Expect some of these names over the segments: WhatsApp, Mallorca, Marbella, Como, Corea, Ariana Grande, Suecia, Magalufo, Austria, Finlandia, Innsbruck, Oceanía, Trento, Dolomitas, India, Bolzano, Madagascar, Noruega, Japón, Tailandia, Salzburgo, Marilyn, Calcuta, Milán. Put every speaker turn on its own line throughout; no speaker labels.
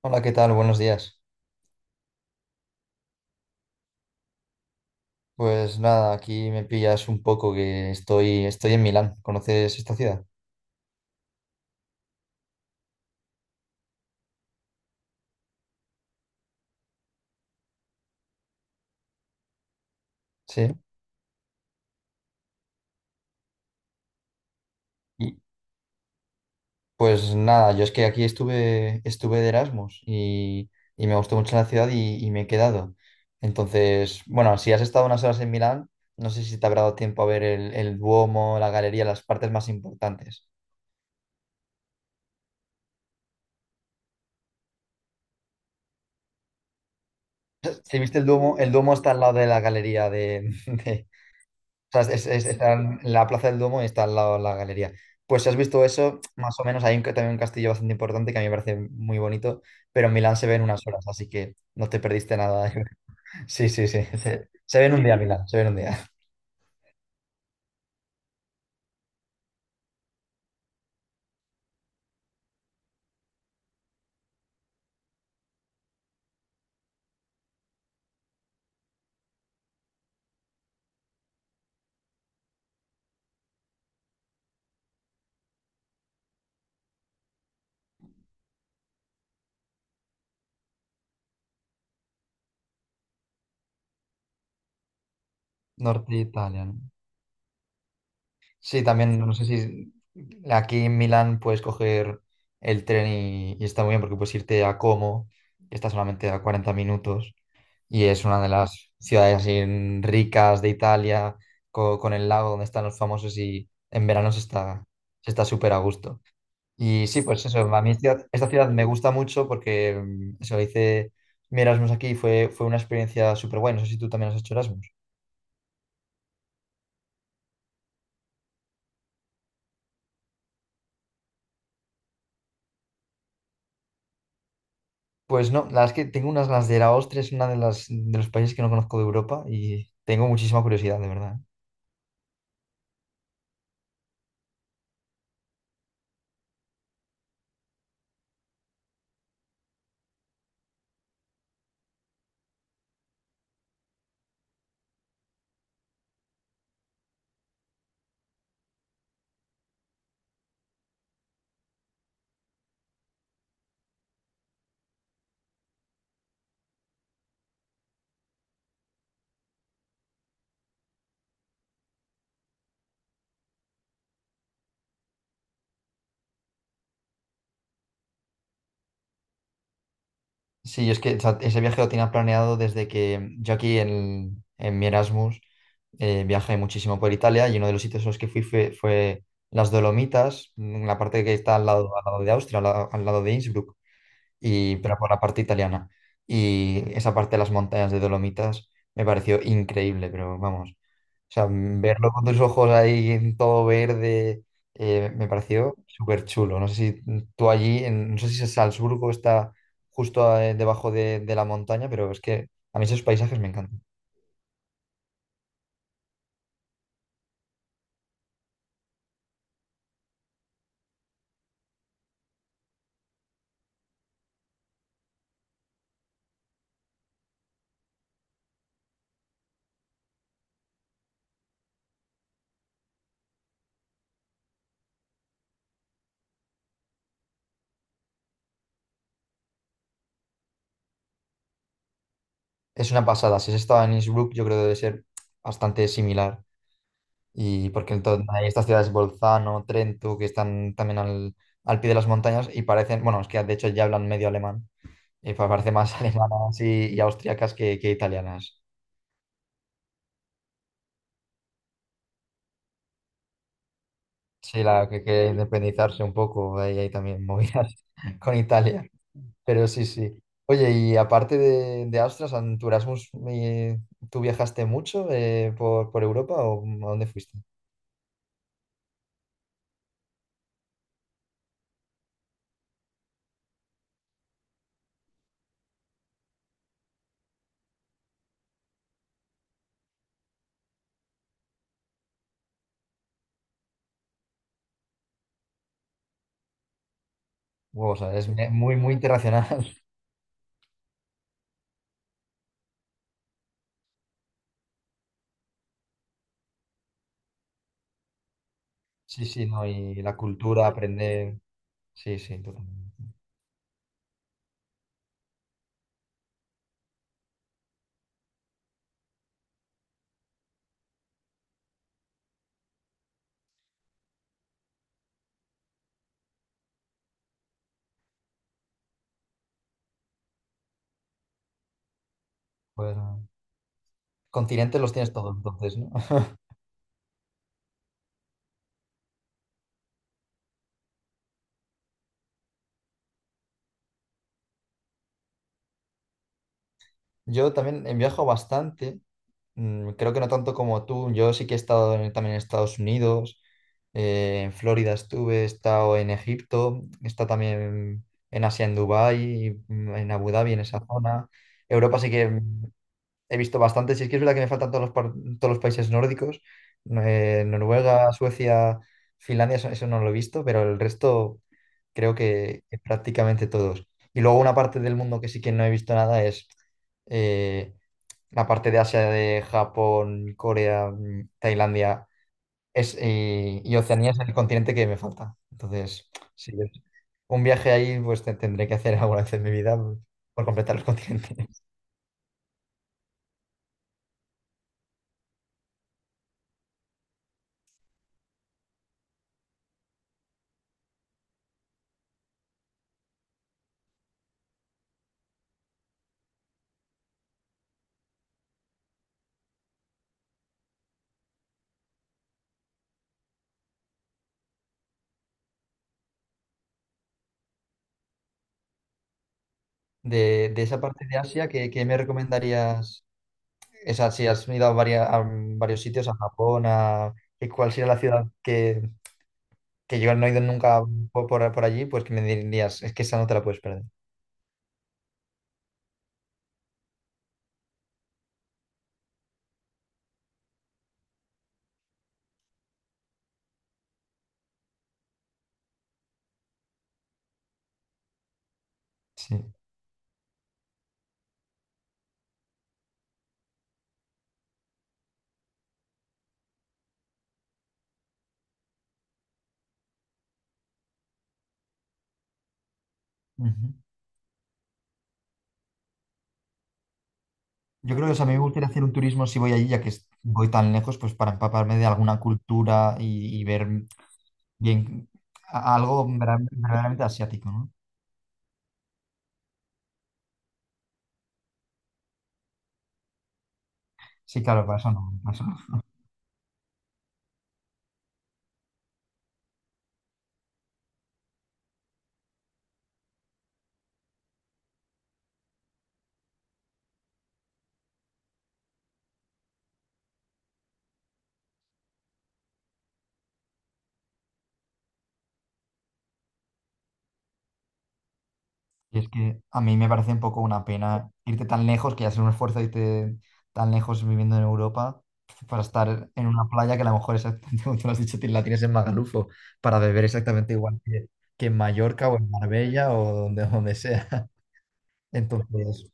Hola, ¿qué tal? Buenos días. Pues nada, aquí me pillas un poco que estoy en Milán. ¿Conoces esta ciudad? Sí. Y pues nada, yo es que aquí estuve de Erasmus y me gustó mucho la ciudad y me he quedado. Entonces, bueno, si has estado unas horas en Milán, no sé si te habrá dado tiempo a ver el Duomo, la galería, las partes más importantes. Si viste el Duomo está al lado de la galería o sea, está en la Plaza del Duomo y está al lado la galería. Pues si has visto eso, más o menos hay también un castillo bastante importante que a mí me parece muy bonito, pero Milán se ve en unas horas, así que no te perdiste nada. Sí, sí, sí. Se ve en un día Milán, se ve en un día. Norte Italia, ¿no? Sí, también no sé si aquí en Milán puedes coger el tren y está muy bien porque puedes irte a Como, que está solamente a 40 minutos. Y es una de las ciudades así ricas de Italia, con el lago donde están los famosos y en verano se está súper a gusto. Y sí, pues eso, a mí esta ciudad me gusta mucho porque eso hice mi Erasmus aquí y fue una experiencia súper guay. No sé si tú también has hecho Erasmus. Pues no, la verdad es que tengo unas ganas de ir a Austria, es una de las de los países que no conozco de Europa y tengo muchísima curiosidad, de verdad. Sí, es que o sea, ese viaje lo tenía planeado desde que yo aquí en mi Erasmus. Viajé muchísimo por Italia y uno de los sitios a los que fui fue las Dolomitas, en la parte que está al lado de Austria, al lado de Innsbruck, y, pero por la parte italiana. Y esa parte de las montañas de Dolomitas me pareció increíble, pero vamos, o sea, verlo con tus ojos ahí en todo verde, me pareció súper chulo. No sé si tú allí, no sé si Salzburgo está justo debajo de la montaña, pero es que a mí esos paisajes me encantan. Es una pasada. Si has estado en Innsbruck, yo creo que debe ser bastante similar. Y porque entonces hay estas ciudades, Bolzano, Trento, que están también al, al pie de las montañas y parecen, bueno, es que de hecho ya hablan medio alemán. Y parece más alemanas y austriacas que italianas. Sí, la que quiere independizarse un poco. Ahí hay también movidas con Italia. Pero sí, sí. Oye, y aparte de Austria, en tu Erasmus, ¿tú viajaste mucho por Europa o a dónde fuiste? Wow, o sea, muy, muy internacional. Sí, sí, ¿no? Y la cultura, aprender. Sí, sí, totalmente. Pues, ah, continentes los tienes todos, entonces, ¿no? Yo también viajo bastante. Creo que no tanto como tú. Yo sí que he estado también en Estados Unidos, en Florida estuve, he estado en Egipto, he estado también en Asia, en Dubái, en Abu Dhabi, en esa zona. Europa sí que he visto bastantes, y es que es verdad que me faltan todos los, todos los países nórdicos, Noruega, Suecia, Finlandia, eso no lo he visto, pero el resto creo que prácticamente todos. Y luego una parte del mundo que sí que no he visto nada es eh, la parte de Asia, de Japón, Corea, Tailandia es, y Oceanía es el continente que me falta. Entonces, sí, un viaje ahí pues tendré que hacer alguna vez en mi vida por completar los continentes. De esa parte de Asia, ¿qué me recomendarías? O sea, si has ido a, a varios sitios, a Japón, a, ¿cuál sería la ciudad que yo no he ido nunca por, por allí? Pues que me dirías, es que esa no te la puedes perder. Sí. Ujú. Yo creo que, o sea, a mí me gustaría hacer un turismo si voy allí, ya que voy tan lejos, pues para empaparme de alguna cultura y ver bien verdaderamente asiático, ¿no? Sí, claro, para eso no. Para eso no. Y es que a mí me parece un poco una pena irte tan lejos, que ya es un esfuerzo irte tan lejos viviendo en Europa, para estar en una playa que a lo mejor exactamente como tú lo has dicho, la tienes en Magalufo, para beber exactamente igual que en Mallorca o en Marbella o donde, donde sea. Entonces,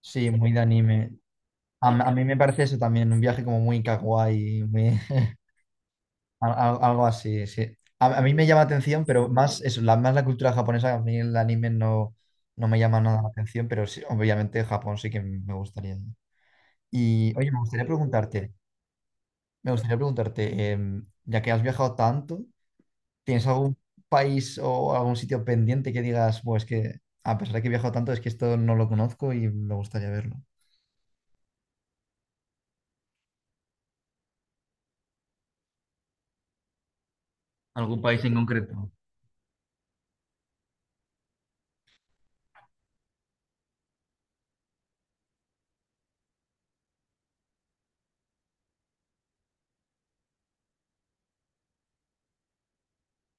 sí, muy de anime. A mí me parece eso también, un viaje como muy kawaii, muy... algo así, sí. A mí me llama atención, pero más eso, la, más la cultura japonesa, a mí el anime no, no me llama nada la atención, pero sí, obviamente Japón sí que me gustaría. Y oye, me gustaría preguntarte, ya que has viajado tanto, ¿tienes algún país o algún sitio pendiente que digas, pues que a pesar de que he viajado tanto, es que esto no lo conozco y me gustaría verlo? ¿Algún país en concreto?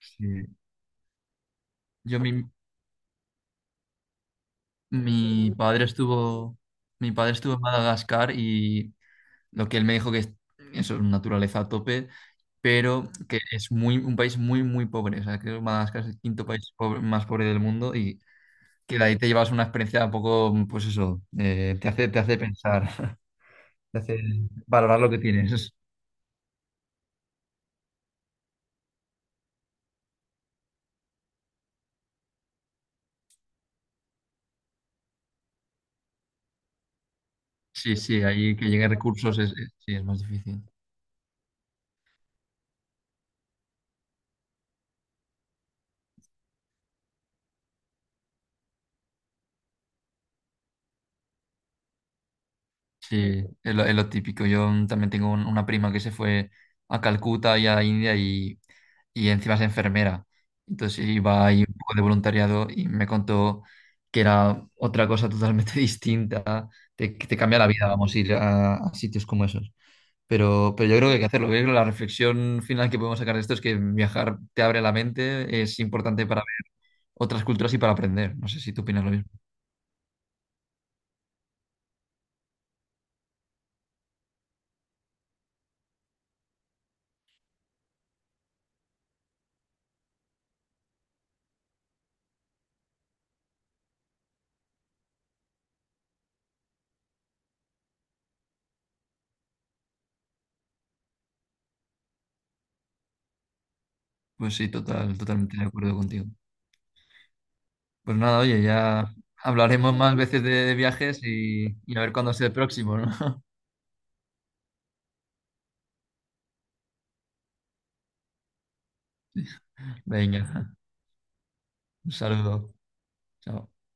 Sí. Yo mi padre estuvo, mi padre estuvo en Madagascar y lo que él me dijo que es eso es naturaleza a tope, pero que es muy, un país muy, muy pobre. O sea, que Madagascar es el quinto más pobre del mundo y que de ahí te llevas una experiencia un poco, pues eso, te hace pensar, te hace valorar lo que tienes. Sí, sí, ahí que lleguen recursos sí, es más difícil. Sí, es lo típico. Yo también tengo una prima que se fue a Calcuta y a la India y encima es enfermera. Entonces iba ahí un poco de voluntariado y me contó que era otra cosa totalmente distinta. Te, que te cambia la vida, vamos, ir a sitios como esos. Pero yo creo que hay que hacerlo. Yo creo que la reflexión final que podemos sacar de esto es que viajar te abre la mente, es importante para ver otras culturas y para aprender. No sé si tú opinas lo mismo. Pues sí, total, totalmente de acuerdo contigo. Pues nada, oye, ya hablaremos más veces de viajes y a ver cuándo es el próximo, ¿no? Venga, un saludo. Chao.